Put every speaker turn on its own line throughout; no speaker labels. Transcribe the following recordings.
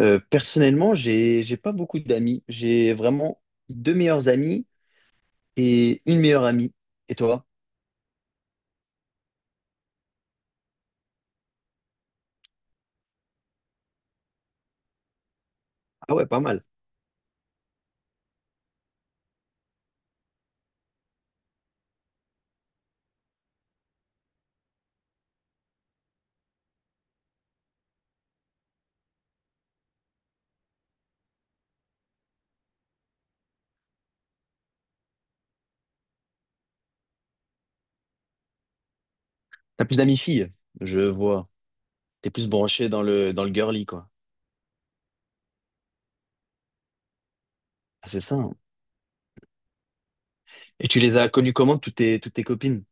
Personnellement, j'ai pas beaucoup d'amis. J'ai vraiment deux meilleurs amis et une meilleure amie. Et toi? Ah ouais, pas mal. T'as plus d'amis filles, je vois. T'es plus branché dans le girly, quoi. Ah, c'est ça, hein. Et tu les as connues comment, toutes tes copines?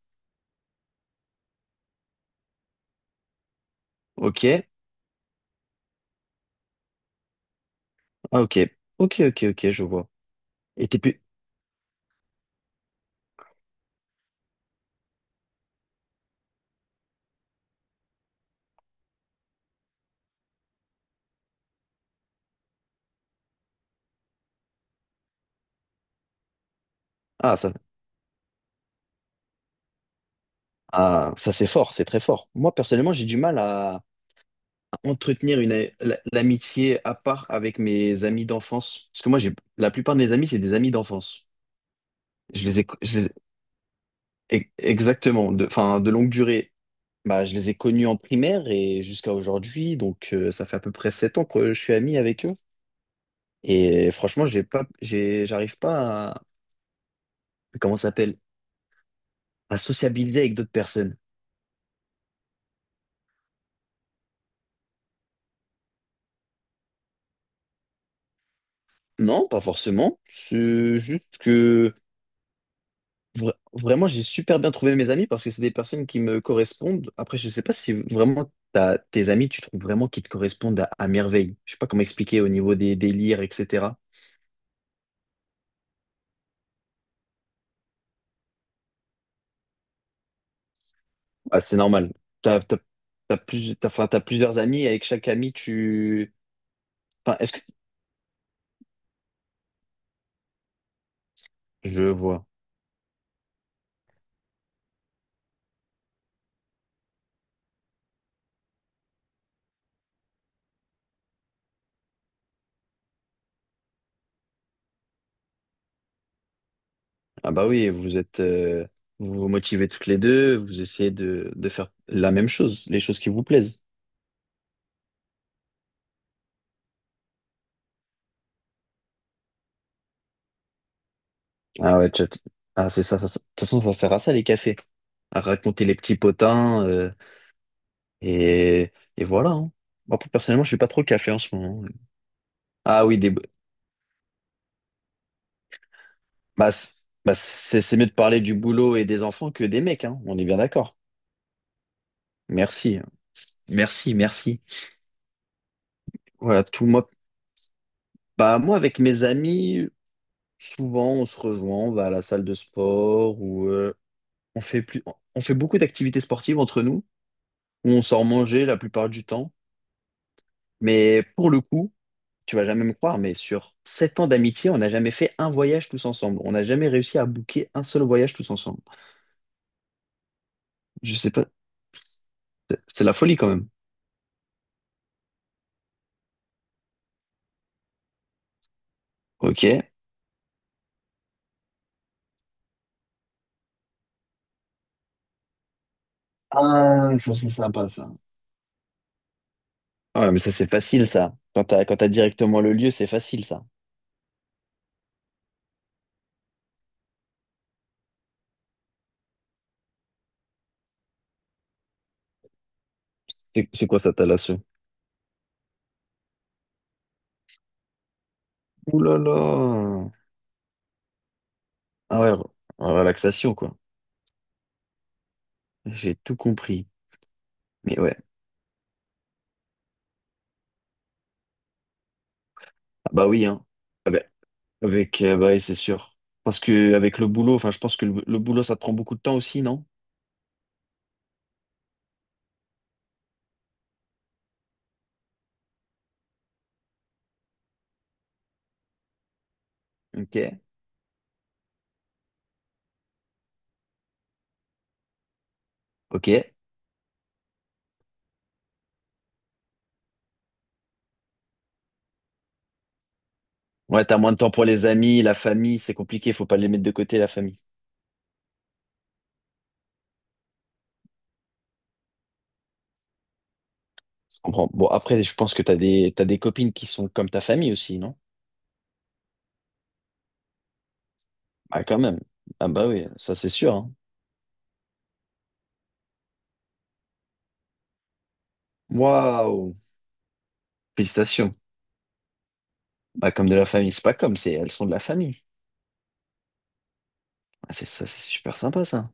Ok. Ah ok. Ok, ok, ok, je vois. Et t'es plus. Ah ça. Ah, ça c'est fort, c'est très fort. Moi, personnellement, j'ai du mal à entretenir l'amitié à part avec mes amis d'enfance. Parce que moi, j'ai la plupart de mes amis, c'est des amis d'enfance. Je les ai, co- je les ai- e- Exactement, de, enfin, de longue durée. Bah, je les ai connus en primaire et jusqu'à aujourd'hui, donc ça fait à peu près 7 ans que je suis ami avec eux. Et franchement, j'arrive pas à, comment ça s'appelle, à sociabiliser avec d'autres personnes. Non, pas forcément. C'est juste que vraiment, j'ai super bien trouvé mes amis parce que c'est des personnes qui me correspondent. Après, je sais pas si vraiment t'as, tes amis, tu trouves vraiment qu'ils te correspondent à merveille. Je sais pas comment expliquer au niveau des délires, etc. Ah, c'est normal. T'as, t'as, t'as plus, enfin, t'as plusieurs amis, et avec chaque ami, tu... Enfin, est-ce que... Je vois. Ah bah oui, vous vous motivez toutes les deux, vous essayez de faire la même chose, les choses qui vous plaisent. Ah ouais, chat. Ah, c'est ça, ça, ça. De toute façon, ça sert à ça, les cafés. À raconter les petits potins, et, et voilà, hein. Moi, plus personnellement, je suis pas trop café en ce moment. Ah oui, des... Bah, c'est mieux de parler du boulot et des enfants que des mecs, hein. On est bien d'accord. Merci. Merci, merci. Voilà, tout moi. Bah, moi, avec mes amis, souvent, on se rejoint, on va à la salle de sport ou on fait plus... on fait beaucoup d'activités sportives entre nous, où on sort manger la plupart du temps. Mais pour le coup, tu vas jamais me croire, mais sur 7 ans d'amitié, on n'a jamais fait un voyage tous ensemble. On n'a jamais réussi à booker un seul voyage tous ensemble. Je sais pas. C'est c'est la folie quand même. Ok. Ah, ça c'est sympa ça. Ah, ouais, mais ça, c'est facile, ça. Quand t'as directement le lieu, c'est facile, ça. C'est quoi ta thalasso? Ouh là là! Ah ouais, relaxation, quoi. J'ai tout compris. Mais ouais. Ah bah oui, hein. Ah bah, avec, bah oui, c'est sûr. Parce que avec le boulot, enfin, je pense que le boulot, ça te prend beaucoup de temps aussi, non? Ok. Ok. Ouais, t'as moins de temps pour les amis, la famille, c'est compliqué, faut pas les mettre de côté, la famille. Je comprends. Bon, après, je pense que t'as des copines qui sont comme ta famille aussi, non? Ah, quand même. Ah bah oui, ça, c'est sûr, hein. Waouh! Félicitations. Bah, comme de la famille, c'est pas comme, c'est elles sont de la famille. Ah, c'est ça, c'est super sympa ça.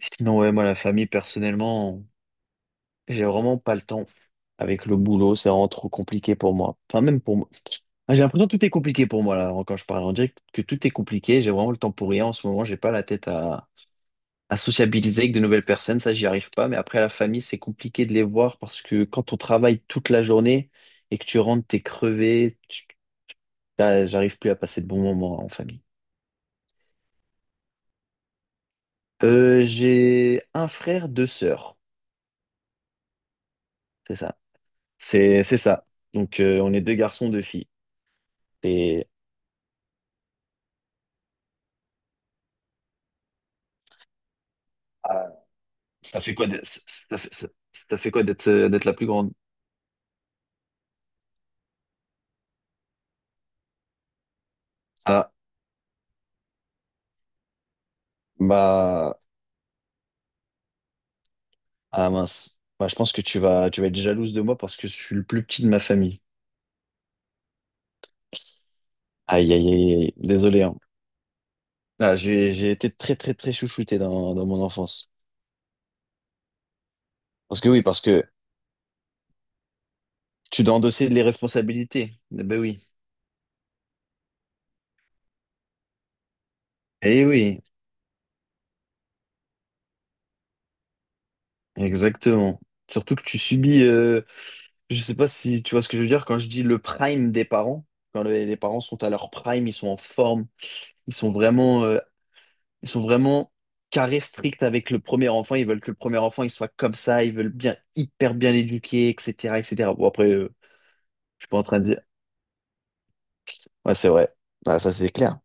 Sinon, ouais, moi, la famille, personnellement, j'ai vraiment pas le temps. Avec le boulot, c'est vraiment trop compliqué pour moi. Enfin, même pour moi. Ah, j'ai l'impression que tout est compliqué pour moi, là, quand je parle. On dirait que tout est compliqué. J'ai vraiment le temps pour rien. En ce moment, j'ai pas la tête à sociabiliser avec de nouvelles personnes. Ça, j'y arrive pas. Mais après, la famille, c'est compliqué de les voir parce que quand on travaille toute la journée et que tu rentres, t'es crevé. Là, j'arrive plus à passer de bons moments en famille. J'ai un frère, deux sœurs. C'est ça. C'est ça. Donc on est deux garçons, deux filles. Et ah, ça fait quoi d'être ça fait, ça- ça fait quoi d'être d'être la plus grande? Ah bah ah mince. Bah, je pense que tu vas être jalouse de moi parce que je suis le plus petit de ma famille. Aïe aïe aïe, aïe. Désolé, hein. Ah, j'ai été très très très chouchouté dans mon enfance. Parce que oui, parce que tu dois endosser les responsabilités. Eh ben oui. Eh oui. Exactement. Surtout que tu subis, je sais pas si tu vois ce que je veux dire quand je dis le prime des parents. Quand les parents sont à leur prime, ils sont en forme, ils sont vraiment, euh, ils sont vraiment carrés strict avec le premier enfant. Ils veulent que le premier enfant il soit comme ça, ils veulent bien hyper bien l'éduquer, etc., etc. Bon après, je suis pas en train de dire. Ouais, c'est vrai. Ouais, ça c'est clair.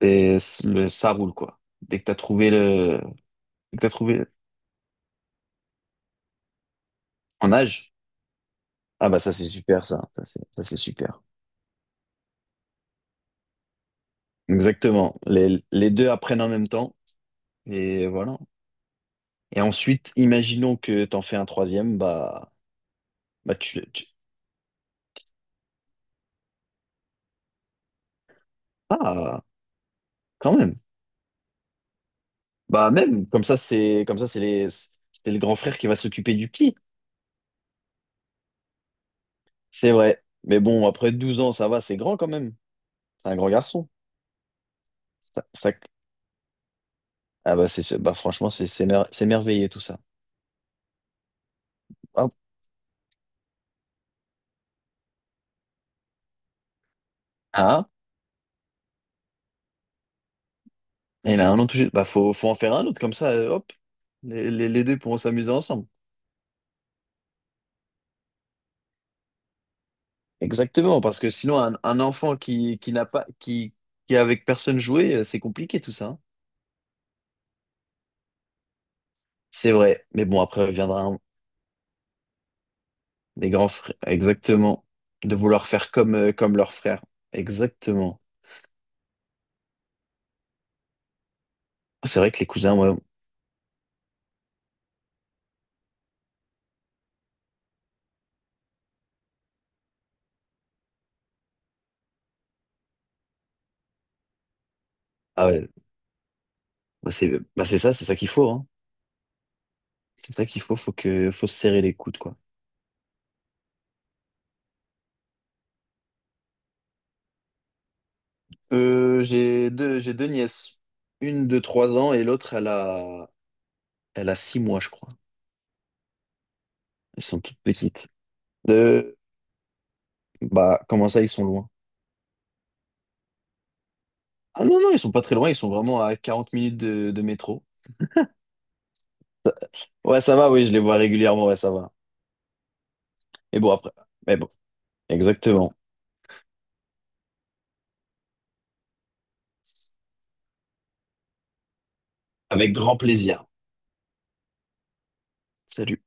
Et ça roule quoi. Dès que t'as trouvé en âge. Ah bah ça c'est super ça. Ça, c'est super. Exactement. Les deux apprennent en même temps. Et voilà. Et ensuite, imaginons que t'en fais un troisième, bah. Ah, quand même. Bah même, comme ça, c'est comme ça, c'est le grand frère qui va s'occuper du petit. C'est vrai. Mais bon, après 12 ans, ça va, c'est grand quand même. C'est un grand garçon. Ça, ça- Ah bah c'est, franchement, c'est merveilleux tout ça. Hop. Ah, il a 1 an tout juste. Bah faut en faire un autre, comme ça, hop. Les deux pourront s'amuser ensemble. Exactement, parce que sinon, un enfant qui n'a pas, qui est avec personne joué, c'est compliqué tout ça, hein. C'est vrai, mais bon, les grands frères, exactement, de vouloir faire comme, comme leurs frères. Exactement. C'est vrai que les cousins, ouais, ah ouais, bah, c'est ça qu'il faut, hein. C'est ça qu'il faut, faut se serrer les coudes, quoi. J'ai deux nièces, une de 3 ans et l'autre, elle a 6 mois, je crois. Elles sont toutes petites. Euh, Bah, comment ça, ils sont loin? Ah non, non, ils sont pas très loin, ils sont vraiment à 40 minutes de métro. Ouais, ça va, oui, je les vois régulièrement, ouais, ça va. Mais bon, après. Mais bon, exactement. Avec grand plaisir. Salut.